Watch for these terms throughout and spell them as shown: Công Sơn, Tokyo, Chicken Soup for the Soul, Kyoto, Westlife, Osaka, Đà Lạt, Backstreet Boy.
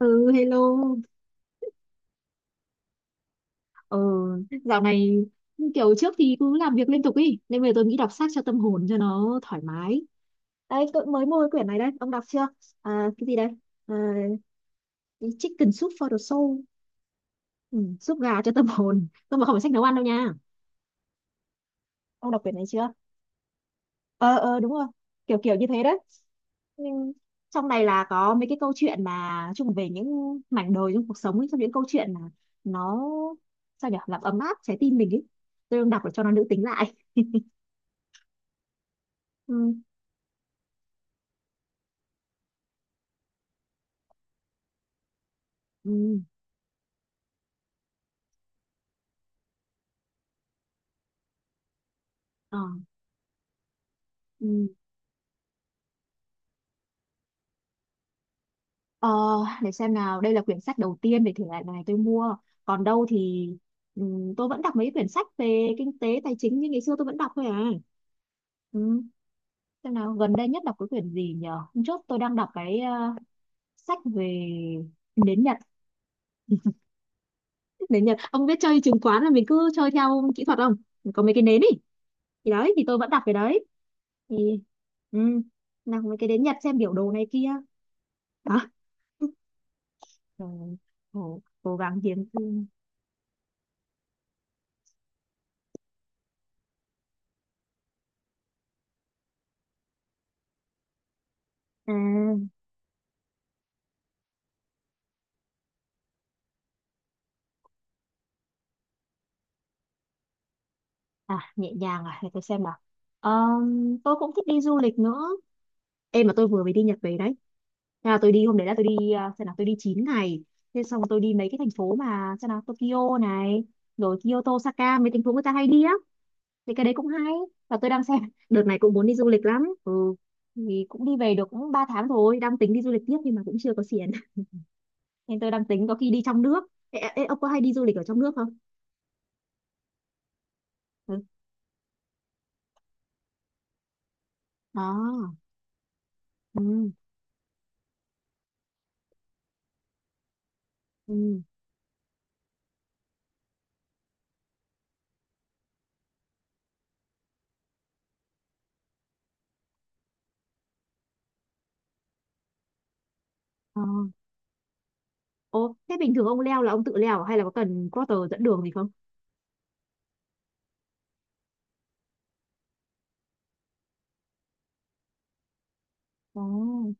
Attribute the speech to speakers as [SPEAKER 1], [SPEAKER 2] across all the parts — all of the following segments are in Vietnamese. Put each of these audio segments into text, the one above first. [SPEAKER 1] Ừ, hello. Ừ, dạo này kiểu trước thì cứ làm việc liên tục ý. Nên bây giờ tôi nghĩ đọc sách cho tâm hồn cho nó thoải mái. Đây, tôi mới mua cái quyển này đây. Ông đọc chưa? À, cái gì đây? À, cái Chicken Soup for the Soul. Ừ, súp gà cho tâm hồn. Tôi mà không phải sách nấu ăn đâu nha. Ông đọc quyển này chưa? Ờ, đúng rồi. Kiểu kiểu như thế đấy, nhưng trong này là có mấy cái câu chuyện mà chung về những mảnh đời trong cuộc sống ấy, trong những câu chuyện mà nó sao nhỉ, làm ấm áp trái tim mình ấy. Tôi đang đọc để cho nó nữ tính lại. Ừ, ừ, ờ, ừ. Ờ, để xem nào, đây là quyển sách đầu tiên về thể loại này tôi mua, còn đâu thì ừ, tôi vẫn đọc mấy quyển sách về kinh tế tài chính, như ngày xưa tôi vẫn đọc thôi à. Ừ. Xem nào, gần đây nhất đọc cái quyển gì nhờ, hôm trước tôi đang đọc cái sách về nến Nhật. Nến Nhật ông biết, chơi chứng khoán là mình cứ chơi theo kỹ thuật không, có mấy cái nến ý, thì đấy thì tôi vẫn đặt cái đấy, thì ừ, nào mấy cái nến Nhật xem biểu đồ này kia đó, rồi cố gắng kiếm thêm. À, nhẹ nhàng à, để tôi xem nào. Tôi cũng thích đi du lịch nữa. Em mà tôi vừa mới đi Nhật về đấy. Thế là tôi đi, hôm đấy là tôi đi à, xem nào, tôi đi 9 ngày. Thế xong tôi đi mấy cái thành phố mà xem nào, Tokyo này, rồi Kyoto, Osaka, mấy thành phố người ta hay đi á, thì cái đấy cũng hay. Và tôi đang xem đợt này cũng muốn đi du lịch lắm. Ừ, thì cũng đi về được cũng 3 tháng rồi, đang tính đi du lịch tiếp nhưng mà cũng chưa có tiền. Nên tôi đang tính có khi đi trong nước. Ê, ông có hay đi du lịch ở trong nước không? Ừ. Đó. Ừ. Ừ. Ờ. Ồ, thế bình thường ông leo là ông tự leo à? Hay là có cần porter dẫn đường gì không? Ồ.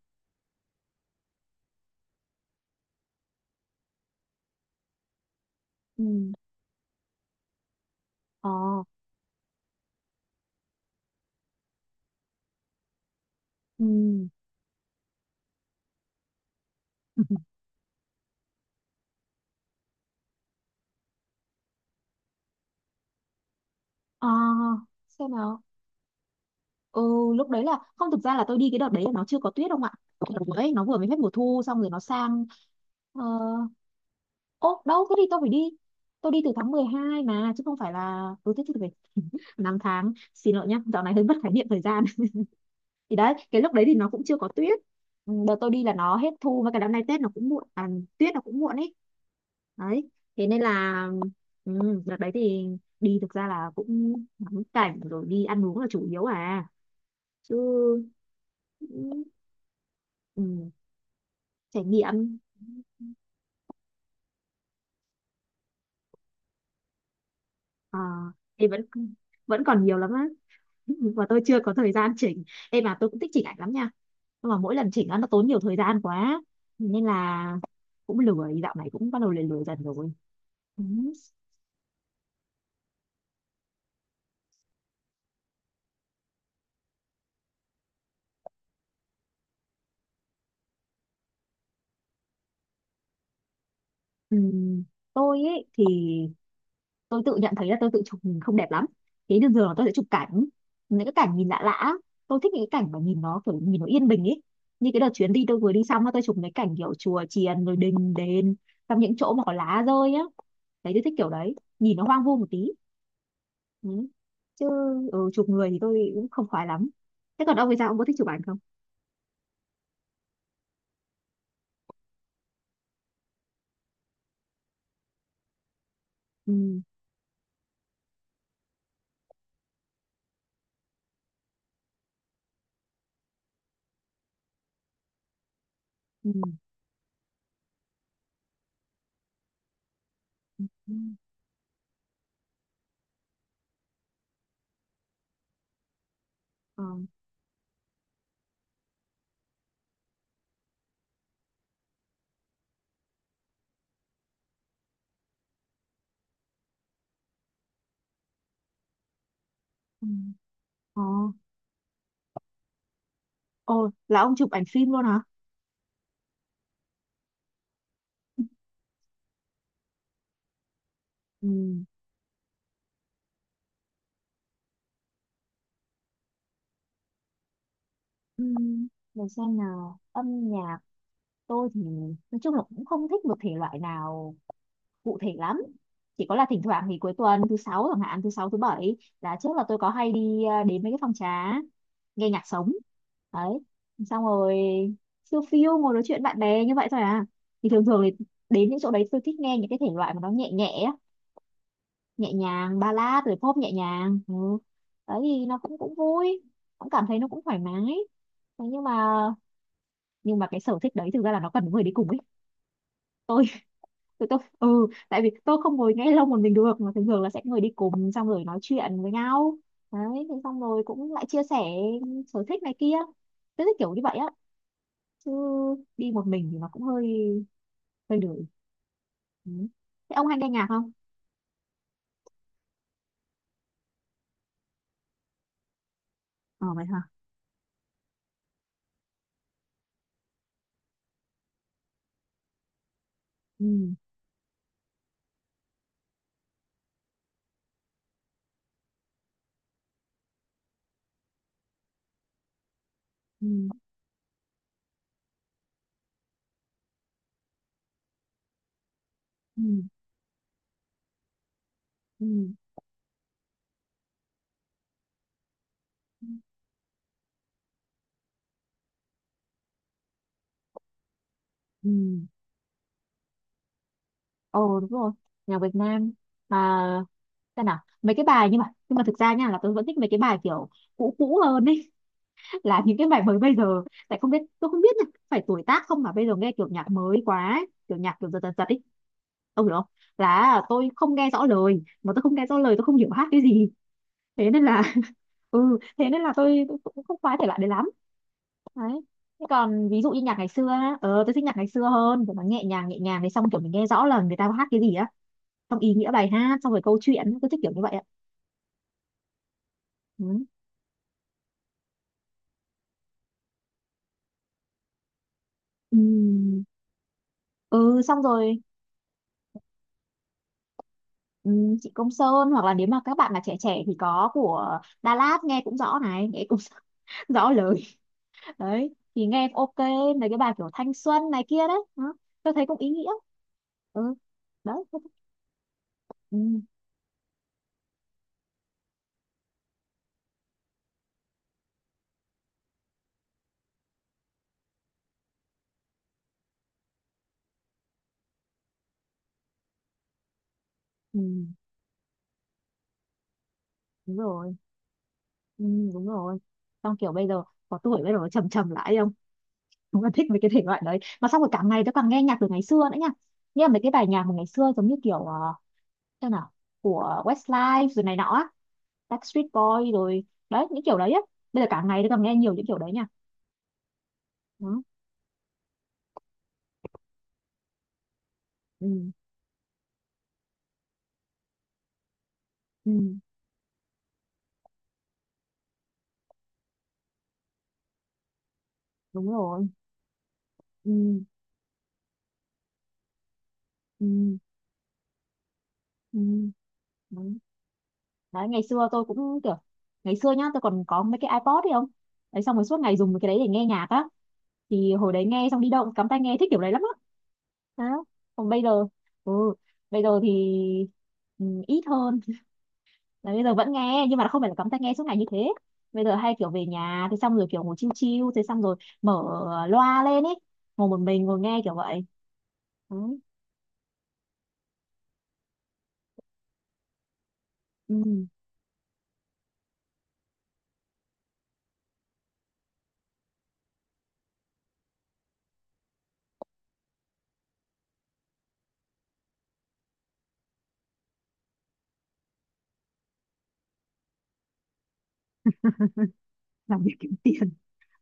[SPEAKER 1] Ừ. Ờ. Ừ. À, xem nào. Ừ, lúc đấy là không, thực ra là tôi đi cái đợt đấy là nó chưa có tuyết không ạ? Cái đợt đấy, nó vừa mới hết mùa thu xong rồi nó sang, ờ, ô đâu thế, thì tôi phải đi. Tôi đi từ tháng 12 mà, chứ không phải là, ừ thế thì phải 5 tháng. Xin lỗi nhá, dạo này hơi mất khái niệm thời gian. Thì đấy, cái lúc đấy thì nó cũng chưa có tuyết. Ừ, đợt tôi đi là nó hết thu, và cái năm nay Tết nó cũng muộn à, tuyết nó cũng muộn ấy đấy, thế nên là ừ, đợt đấy thì đi thực ra là cũng ngắm cảnh rồi đi ăn uống là chủ yếu à, chứ ừ, ừ, trải nghiệm, ờ, thì vẫn vẫn còn nhiều lắm á. Và tôi chưa có thời gian chỉnh. Em mà tôi cũng thích chỉnh ảnh lắm nha, nhưng mà mỗi lần chỉnh á, nó tốn nhiều thời gian quá, nên là cũng lười, dạo này cũng bắt đầu lười lười dần rồi. Ừ. Ừm, tôi ấy thì tôi tự nhận thấy là tôi tự chụp mình không đẹp lắm, thế nên thường là tôi sẽ chụp cảnh, những cái cảnh nhìn lạ lạ. Tôi thích những cái cảnh mà nhìn nó kiểu nhìn nó yên bình ấy, như cái đợt chuyến đi tôi vừa đi xong á, tôi chụp mấy cảnh kiểu chùa chiền rồi đình đền, trong những chỗ mà có lá rơi á, đấy tôi thích kiểu đấy, nhìn nó hoang vu một tí. Ừ. Chứ ừ, chụp người thì tôi cũng không khoái lắm. Thế còn ông thì sao, ông có thích chụp ảnh không? Ừ. Ừ. Ừ. Ừ. Ờ. Ừ. Ờ. Ồ, là ông chụp ảnh phim luôn hả? Ừ. Ừ. Để xem nào, âm nhạc, tôi thì nói chung là cũng không thích một thể loại nào cụ thể lắm, chỉ có là thỉnh thoảng thì cuối tuần, thứ sáu chẳng hạn, thứ sáu thứ bảy là trước là tôi có hay đi đến mấy cái phòng trà nghe nhạc sống đấy, xong rồi siêu phiêu ngồi nói chuyện bạn bè như vậy thôi à. Thì thường thường thì đến những chỗ đấy tôi thích nghe những cái thể loại mà nó nhẹ nhẹ á, nhẹ nhàng, ballad rồi pop nhẹ nhàng. Ừ. Đấy thì nó cũng cũng vui, cũng cảm thấy nó cũng thoải mái. Thế nhưng mà cái sở thích đấy thực ra là nó cần người đi cùng ấy. Tôi tôi tôi ừ, tại vì tôi không ngồi nghe lâu một mình được, mà thường thường là sẽ người đi cùng xong rồi nói chuyện với nhau, đấy thế xong rồi cũng lại chia sẻ sở thích này kia, tôi thích kiểu như vậy á, chứ đi một mình thì nó cũng hơi hơi lười. Ừ. Thế ông hay nghe nhạc không? Ờ, vậy hả? Ừ. Ừ. Ừ. Ừ. Ừ. Ồ, đúng rồi, nhạc Việt Nam mà, xem nào mấy cái bài, nhưng mà thực ra nha, là tôi vẫn thích mấy cái bài kiểu cũ cũ hơn ấy, là những cái bài mới bây giờ tại không biết, tôi không biết là phải tuổi tác không mà bây giờ nghe kiểu nhạc mới quá ấy, kiểu nhạc kiểu giật giật giật ấy, ông hiểu không, là tôi không nghe rõ lời, mà tôi không nghe rõ lời, tôi không hiểu hát cái gì. Thế nên là, ừ, thế nên là tôi cũng không khoái thể loại đấy lắm, đấy. Thế còn ví dụ như nhạc ngày xưa á, tôi thích nhạc ngày xưa hơn, kiểu nó nhẹ nhàng thì xong kiểu mình nghe rõ là người ta hát cái gì á, xong ý nghĩa bài hát xong rồi câu chuyện, tôi thích kiểu như vậy ạ. Ừ. Ừ. Ừ, xong rồi. Ừ, chị Công Sơn, hoặc là nếu mà các bạn mà trẻ trẻ thì có của Đà Lạt, nghe cũng rõ này, nghe cũng rõ lời, đấy thì nghe ok, mấy cái bài kiểu thanh xuân này kia đấy đó. Tôi thấy cũng ý nghĩa. Ừ. Đấy. Ừ, ừ, đúng rồi. Ừ, đúng rồi, xong kiểu bây giờ có tuổi, bây giờ nó trầm trầm lại không, đúng là thích mấy cái thể loại đấy. Mà xong rồi cả ngày tôi càng nghe nhạc từ ngày xưa nữa nha, nghe mấy cái bài nhạc mà ngày xưa, giống như kiểu thế nào, của Westlife rồi này nọ á, Backstreet Boy rồi, đấy những kiểu đấy á, bây giờ cả ngày tôi còn nghe nhiều những kiểu đấy nha, đó. Ừ, ừ, đúng rồi. Ừ, ừ, ừ, đúng. Đấy ngày xưa tôi cũng kiểu, ngày xưa nhá tôi còn có mấy cái iPod ấy không, đấy xong rồi suốt ngày dùng cái đấy để nghe nhạc á, thì hồi đấy nghe xong đi đâu cũng cắm tai nghe, thích kiểu đấy lắm á, đó. Còn bây giờ ừ, bây giờ thì ừ, ít hơn, là bây giờ vẫn nghe nhưng mà không phải là cắm tai nghe suốt ngày như thế. Bây giờ hay kiểu về nhà thì xong rồi kiểu ngồi chill chill thế xong rồi mở loa lên ấy, ngồi một mình ngồi nghe kiểu vậy. Ừ. Ừ. Làm việc kiếm tiền.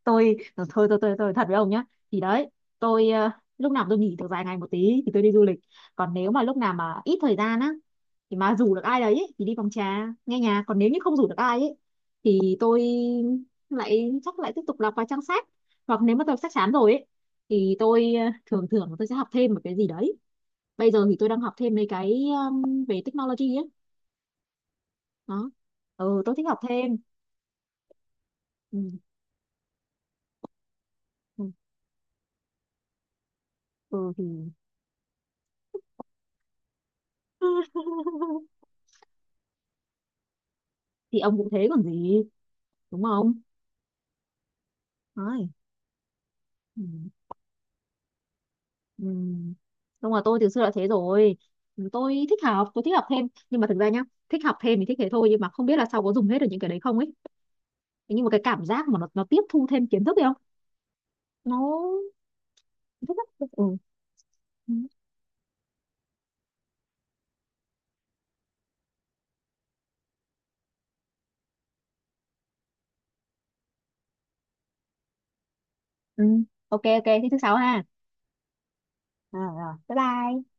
[SPEAKER 1] Tôi thôi thôi, tôi thật với ông nhá, thì đấy tôi, lúc nào tôi nghỉ được vài ngày một tí thì tôi đi du lịch, còn nếu mà lúc nào mà ít thời gian á, thì mà rủ được ai đấy ý, thì đi phòng trà nghe nhạc, còn nếu như không rủ được ai ấy thì tôi lại, chắc lại tiếp tục đọc vài trang sách, hoặc nếu mà tôi sách chán rồi ấy thì tôi, thường thường tôi sẽ học thêm một cái gì đấy. Bây giờ thì tôi đang học thêm mấy cái, về technology ấy, đó. Ừ, tôi thích học thêm. Ừ, ừ, ừ, thì thì ông cũng thế còn gì, đúng không? Đấy. Ừ. Ừ. Đúng rồi, tôi từ xưa đã thế rồi. Ừ, tôi thích học thêm, nhưng mà thực ra nhá, thích học thêm thì thích thế thôi, nhưng mà không biết là sau có dùng hết được những cái đấy không ấy. Thế nhưng mà cái cảm giác mà nó tiếp thu thêm kiến thức ấy không, nó thích lắm. Ừ. Ừ. Ừ. Ok ok, thế thứ sáu ha. À, rồi bye bye.